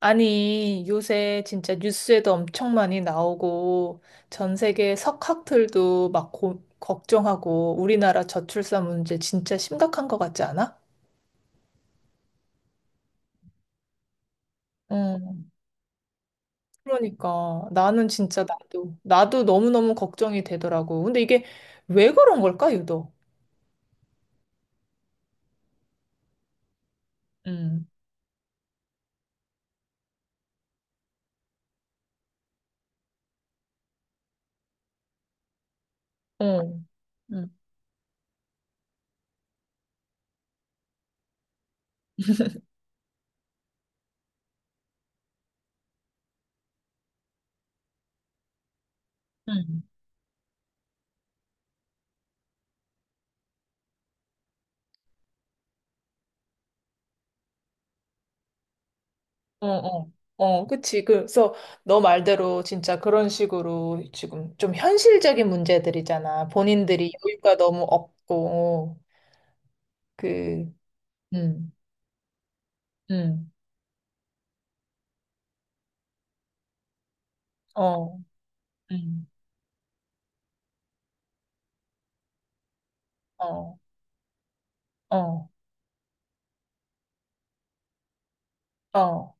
아니, 요새 진짜 뉴스에도 엄청 많이 나오고, 전 세계 석학들도 막 걱정하고, 우리나라 저출산 문제 진짜 심각한 것 같지 않아? 응, 그러니까. 나는 진짜 나도 너무너무 걱정이 되더라고. 근데 이게 왜 그런 걸까, 유독? 응, 어, 응, 응. 어, 어, 어, 그치. 그래서 너 말대로 진짜 그런 식으로 지금 좀 현실적인 문제들이잖아. 본인들이 여유가 너무 없고, 그, 음, 음, 어, 음, 어, 어, 어.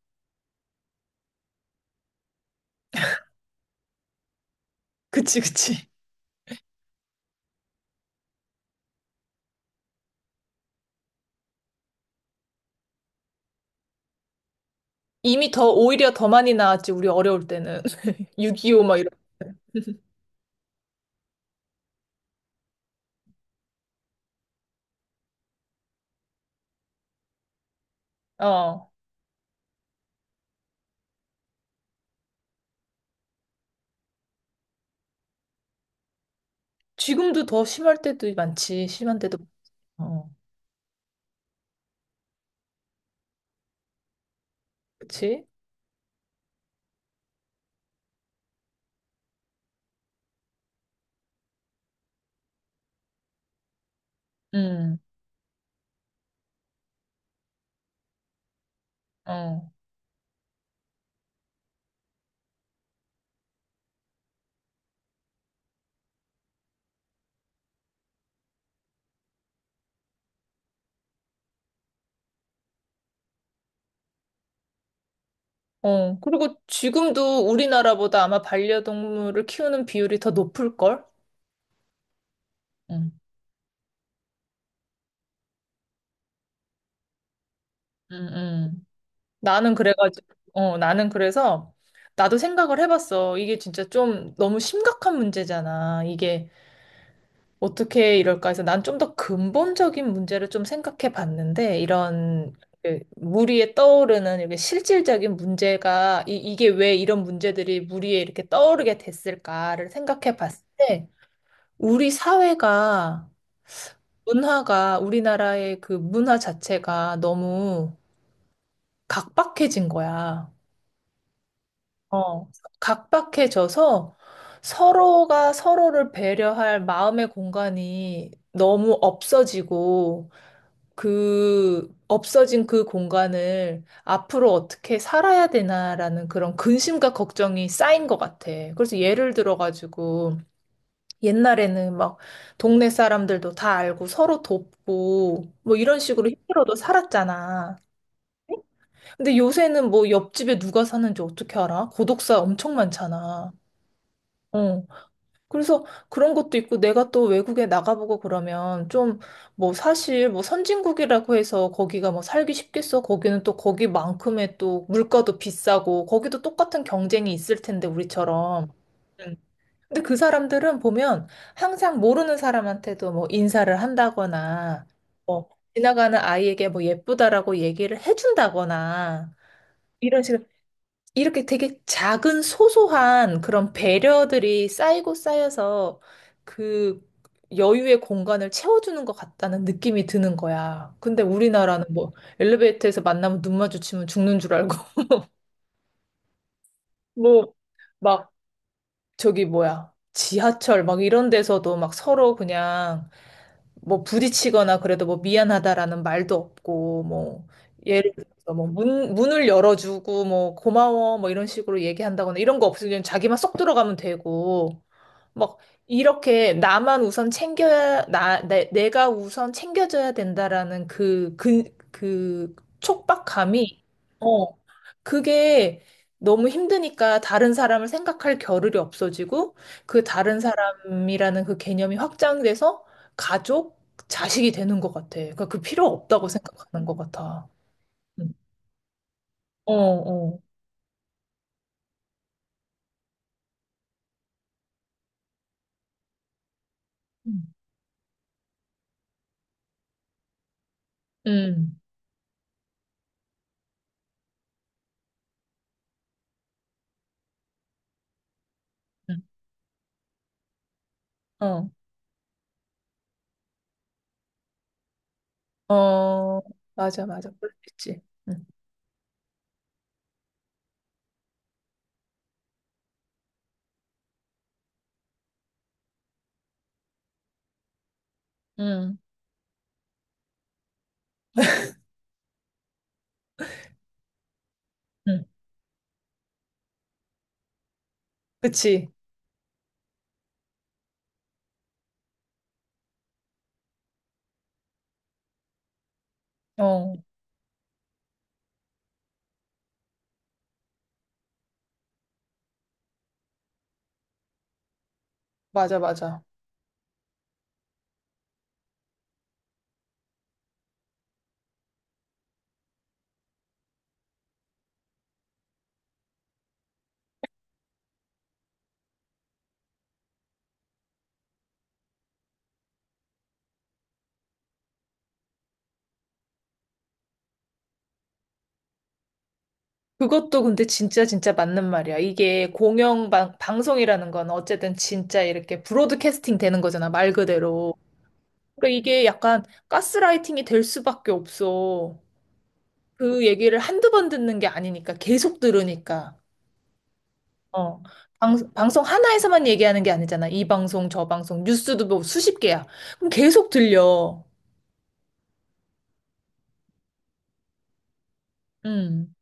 그치, 그치. 오히려 더 많이 나왔지, 우리 어려울 때는. 6.25 막 이런. 어. 지금도 더 심할 때도 많지, 심한 때도. 어, 그치? 음, 어. 어, 그리고 지금도 우리나라보다 아마 반려동물을 키우는 비율이 더 높을걸? 응, 응, 응. 나는 그래가지고, 나는 그래서, 나도 생각을 해봤어. 이게 진짜 좀 너무 심각한 문제잖아. 이게 어떻게 이럴까 해서 난 좀 더 근본적인 문제를 좀 생각해 봤는데, 이런, 그 무리에 떠오르는 이렇게 실질적인 문제가, 이게 왜 이런 문제들이 무리에 이렇게 떠오르게 됐을까를 생각해 봤을 때, 우리 사회가 문화가 우리나라의 그 문화 자체가 너무 각박해진 거야. 어. 각박해져서 서로가 서로를 배려할 마음의 공간이 너무 없어지고 그 없어진 그 공간을 앞으로 어떻게 살아야 되나라는 그런 근심과 걱정이 쌓인 것 같아. 그래서 예를 들어가지고 옛날에는 막 동네 사람들도 다 알고 서로 돕고 뭐 이런 식으로 힘들어도 살았잖아. 근데 요새는 뭐 옆집에 누가 사는지 어떻게 알아? 고독사 엄청 많잖아. 어. 그래서 그런 것도 있고 내가 또 외국에 나가보고 그러면 좀 뭐 사실 뭐 선진국이라고 해서 거기가 뭐 살기 쉽겠어? 거기는 또 거기만큼의 또 물가도 비싸고 거기도 똑같은 경쟁이 있을 텐데 우리처럼. 근데 그 사람들은 보면 항상 모르는 사람한테도 뭐 인사를 한다거나, 뭐 지나가는 아이에게 뭐 예쁘다라고 얘기를 해준다거나, 이런 식으로 이렇게 되게 작은 소소한 그런 배려들이 쌓이고 쌓여서 그 여유의 공간을 채워주는 것 같다는 느낌이 드는 거야. 근데 우리나라는 뭐 엘리베이터에서 만나면 눈 마주치면 죽는 줄 알고, 뭐 막 저기 뭐야. 지하철 막 이런 데서도 막 서로 그냥 뭐 부딪히거나 그래도 뭐 미안하다라는 말도 없고 뭐 예를 들어서 뭐 문을 열어주고 뭐 고마워 뭐 이런 식으로 얘기한다거나 이런 거 없으면 자기만 쏙 들어가면 되고 막 이렇게 나만 우선 챙겨야 내가 우선 챙겨줘야 된다라는 그 촉박감이 어 그게 너무 힘드니까 다른 사람을 생각할 겨를이 없어지고 그 다른 사람이라는 그 개념이 확장돼서 가족 자식이 되는 것 같아. 그러니까 그 필요 없다고 생각하는 것 같아. 음. 어, 어. 음. 음. 음. 어. 어. 맞아, 맞아. 그렇겠지. 응. 응. 그치? 어, 맞아, 맞아. 그것도 근데 진짜 진짜 맞는 말이야. 이게 공영 방송이라는 건 어쨌든 진짜 이렇게 브로드캐스팅 되는 거잖아, 말 그대로. 그러니까 이게 약간 가스라이팅이 될 수밖에 없어. 그 얘기를 한두 번 듣는 게 아니니까, 계속 들으니까. 어. 방송 하나에서만 얘기하는 게 아니잖아. 이 방송, 저 방송, 뉴스도 뭐 수십 개야. 그럼 계속 들려. 음,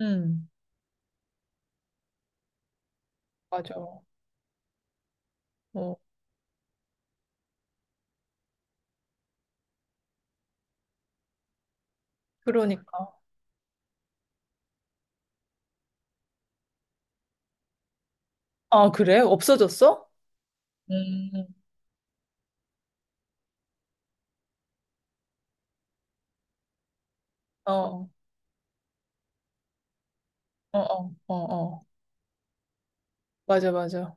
음, 맞아. 어, 그러니까. 아, 그래? 없어졌어? 음, 어, 어, 어, 어, 어. 맞아, 맞아.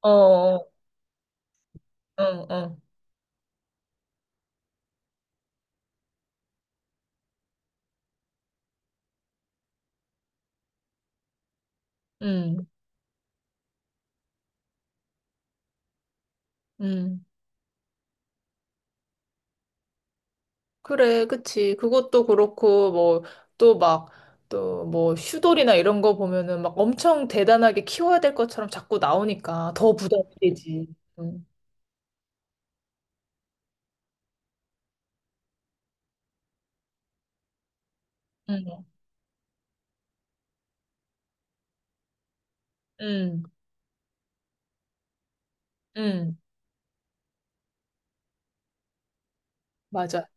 어, 어, 어, 어. 음, 음. 그래, 그치. 그것도 그렇고, 뭐, 또 막, 또 뭐, 슈돌이나 이런 거 보면은 막 엄청 대단하게 키워야 될 것처럼 자꾸 나오니까 더 부담이 되지. 음, 음, 음, 음. 맞아.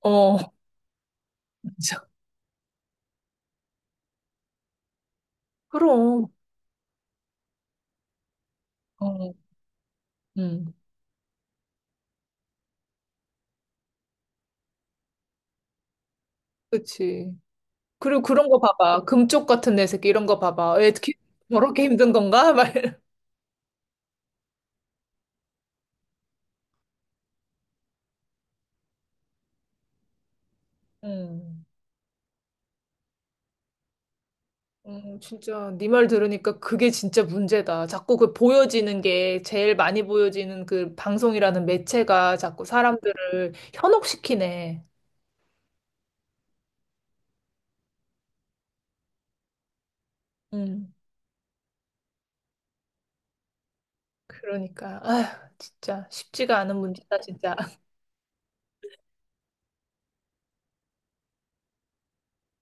어, 맞아. 그럼. 어, 음. 그치. 그리고 그런 거 봐봐. 금쪽 같은 내 새끼 이런 거 봐봐. 저렇게 힘든 건가? 막. 음, 진짜 네 말 들으니까 그게 진짜 문제다. 자꾸 그 보여지는 게 제일 많이 보여지는 그 방송이라는 매체가 자꾸 사람들을 현혹시키네. 음, 그러니까 아휴, 진짜 쉽지가 않은 문제다, 진짜.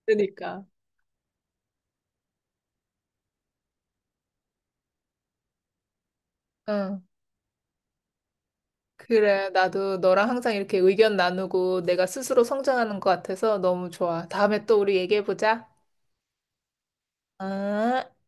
그러니까. 응. 그래, 나도 너랑 항상 이렇게 의견 나누고 내가 스스로 성장하는 것 같아서 너무 좋아. 다음에 또 우리 얘기해보자. 아.